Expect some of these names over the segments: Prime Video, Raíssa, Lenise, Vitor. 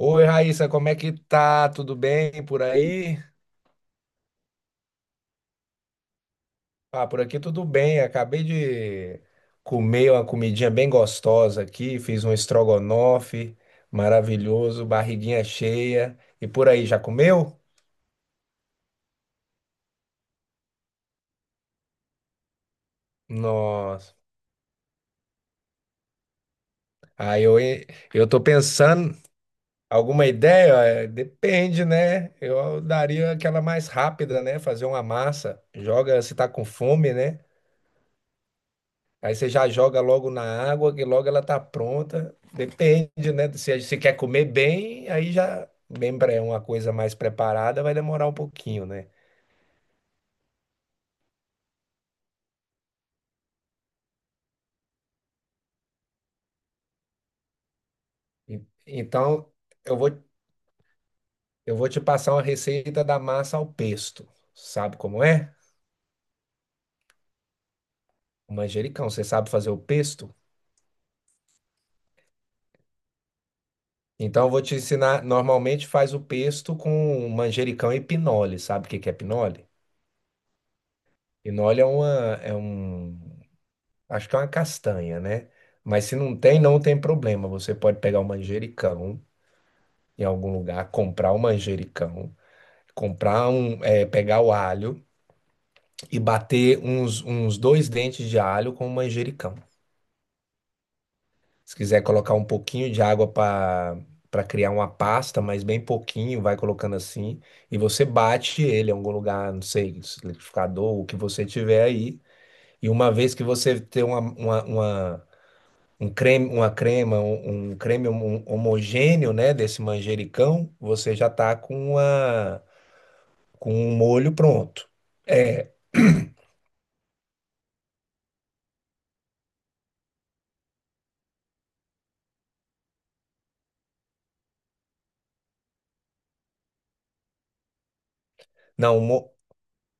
Oi, Raíssa, como é que tá? Tudo bem por aí? Ah, por aqui tudo bem. Acabei de comer uma comidinha bem gostosa aqui, fiz um estrogonofe maravilhoso, barriguinha cheia. E por aí, já comeu? Nossa. Aí eu, eu tô pensando, alguma ideia? É, depende, né? Eu daria aquela mais rápida, né? Fazer uma massa. Joga se tá com fome, né? Aí você já joga logo na água, que logo ela tá pronta. Depende, né? Se você quer comer bem, aí já, lembra, é uma coisa mais preparada, vai demorar um pouquinho, né? E- Então, eu vou, eu vou te passar uma receita da massa ao pesto. Sabe como é? O manjericão, você sabe fazer o pesto? Então, eu vou te ensinar. Normalmente faz o pesto com manjericão e pinole. Sabe o que que é pinole? Pinole é uma, é um, Acho que é uma castanha, né? Mas se não tem, não tem problema. Você pode pegar um manjericão em algum lugar, comprar um manjericão, pegar o alho e bater uns dois dentes de alho com o manjericão. Se quiser colocar um pouquinho de água para criar uma pasta, mas bem pouquinho, vai colocando assim e você bate ele em algum lugar, não sei, liquidificador, o que você tiver aí. E uma vez que você ter uma um creme, uma crema, um creme homogêneo, né, desse manjericão, você já tá com com um molho pronto. É, não, o, mo-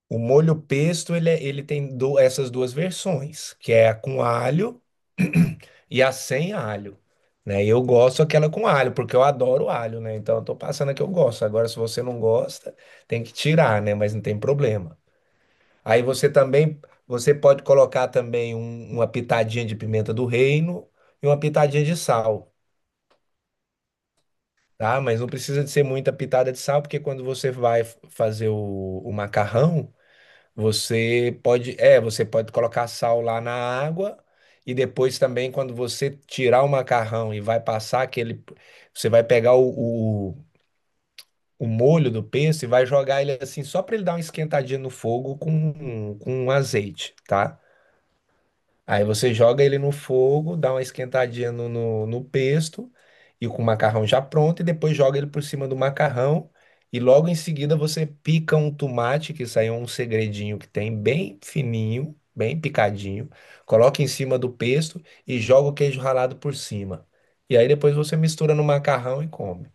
o molho pesto, ele tem essas duas versões, que é a com alho e a sem alho. Né? E eu gosto aquela com alho, porque eu adoro alho, né? Então eu tô passando a que eu gosto. Agora, se você não gosta, tem que tirar, né? Mas não tem problema. Aí você também, você pode colocar também uma pitadinha de pimenta do reino e uma pitadinha de sal, tá? Mas não precisa de ser muita pitada de sal, porque quando você vai fazer o macarrão, você pode colocar sal lá na água e depois também quando você tirar o macarrão e vai passar aquele, você vai pegar o molho do pesto e vai jogar ele assim só para ele dar uma esquentadinha no fogo com azeite, tá? Aí você joga ele no fogo, dá uma esquentadinha no pesto e com o macarrão já pronto, e depois joga ele por cima do macarrão. E logo em seguida você pica um tomate, que isso aí é um segredinho que tem, bem fininho, bem picadinho. Coloca em cima do pesto e joga o queijo ralado por cima. E aí depois você mistura no macarrão e come.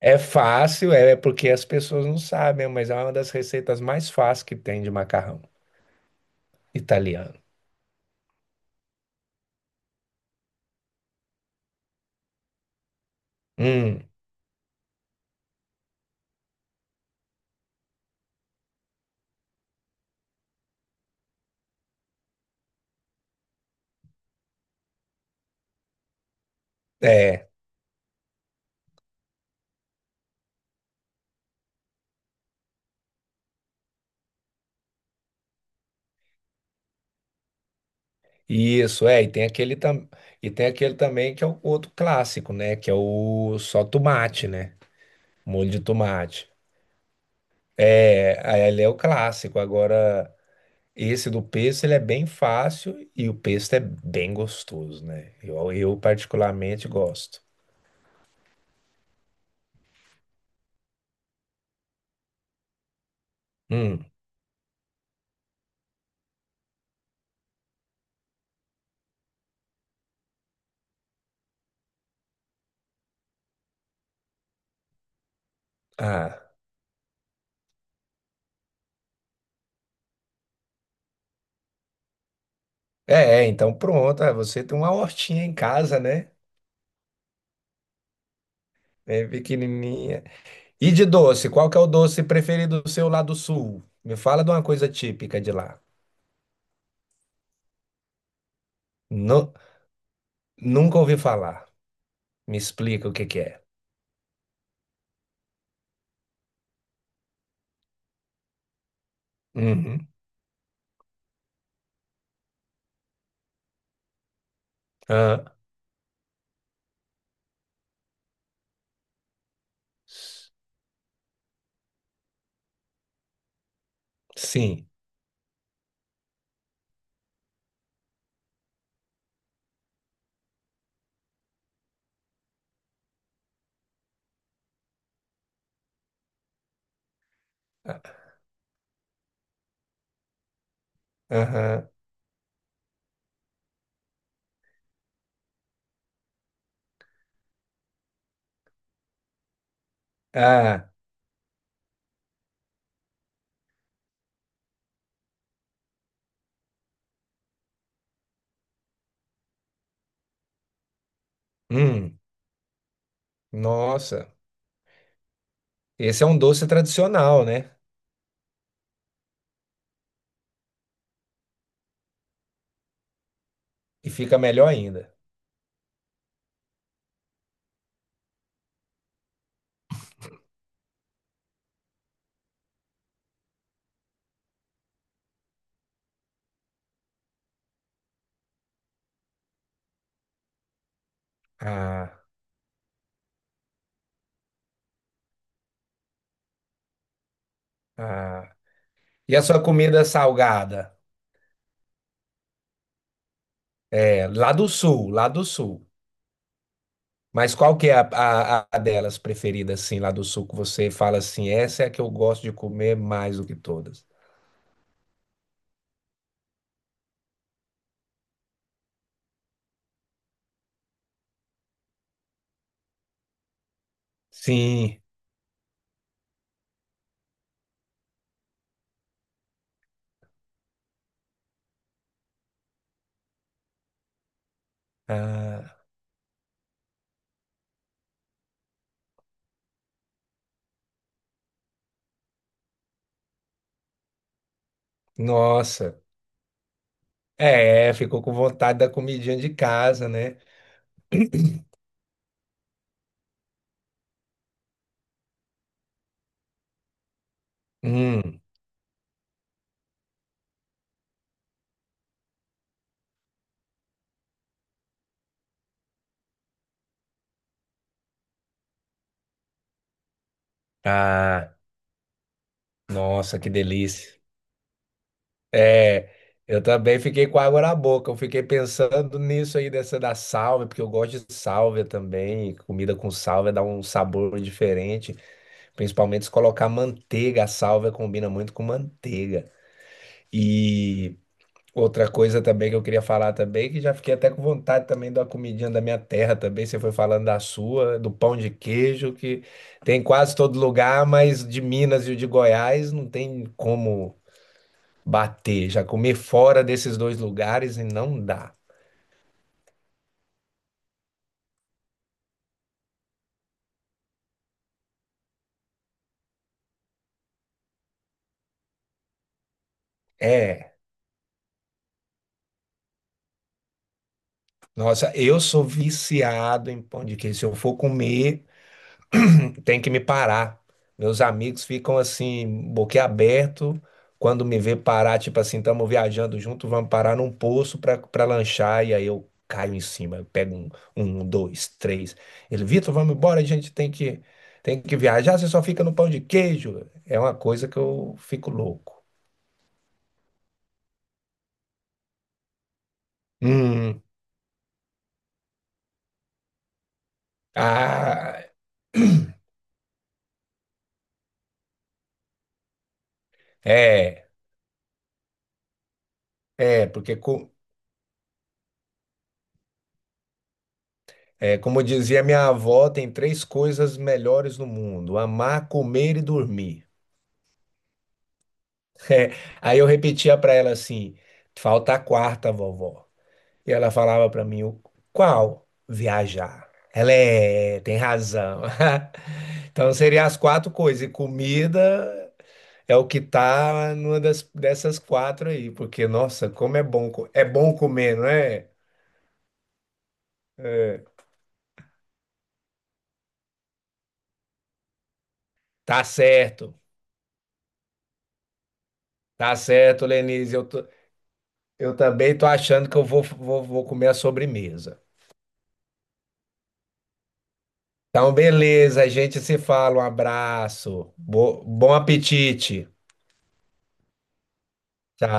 É fácil, é porque as pessoas não sabem, mas é uma das receitas mais fáceis que tem de macarrão italiano. Hum, é. Isso, é, e tem e tem aquele também que é o outro clássico, né? Que é o só tomate, né? Molho de tomate. É, aí ele é o clássico. Agora, esse do pesto, ele é bem fácil e o pesto é bem gostoso, né? Eu particularmente gosto. Hum, ah, é, é, então pronto. Você tem uma hortinha em casa, né? É pequenininha. E de doce, qual que é o doce preferido seu lá do sul? Me fala de uma coisa típica de lá. Não, nunca ouvi falar. Me explica o que que é. Uhum. Ah, sim. Aham. Ah, hum. Nossa. Esse é um doce tradicional, né? E fica melhor ainda. Ah, ah. E a sua comida salgada? É, lá do sul, lá do sul. Mas qual que é a delas preferida, assim, lá do sul, que você fala assim, essa é a que eu gosto de comer mais do que todas? Sim. Ah, nossa. É, ficou com vontade da comidinha de casa, né? Hum. Ah, nossa, que delícia. É, eu também fiquei com água na boca. Eu fiquei pensando nisso aí, dessa da sálvia, porque eu gosto de sálvia também. Comida com sálvia dá um sabor diferente. Principalmente se colocar manteiga. A sálvia combina muito com manteiga. E. Outra coisa também que eu queria falar também, que já fiquei até com vontade também da comidinha da minha terra também. Você foi falando da sua, do pão de queijo, que tem em quase todo lugar, mas de Minas e o de Goiás não tem como bater. Já comer fora desses dois lugares e não dá. É, nossa, eu sou viciado em pão de queijo. Se eu for comer, tem que me parar. Meus amigos ficam assim, boquiaberto, quando me vê parar, tipo assim, estamos viajando junto, vamos parar num poço para lanchar, e aí eu caio em cima, eu pego um, dois, três. Ele, Vitor, vamos embora, a gente tem que viajar, você só fica no pão de queijo. É uma coisa que eu fico louco. Hum, ah, é, é, é, como dizia minha avó, tem três coisas melhores no mundo: amar, comer e dormir. É, aí eu repetia para ela assim: falta a quarta, vovó. E ela falava para mim: qual? Viajar. Ela é, tem razão. Então seriam as quatro coisas. E comida é o que tá dessas quatro aí, porque nossa, como é bom, é bom comer, não é? É. Tá certo, tá certo, Lenise. Eu também tô achando que eu vou, vou comer a sobremesa. Então, beleza, a gente se fala. Um abraço. Bom apetite. Tchau.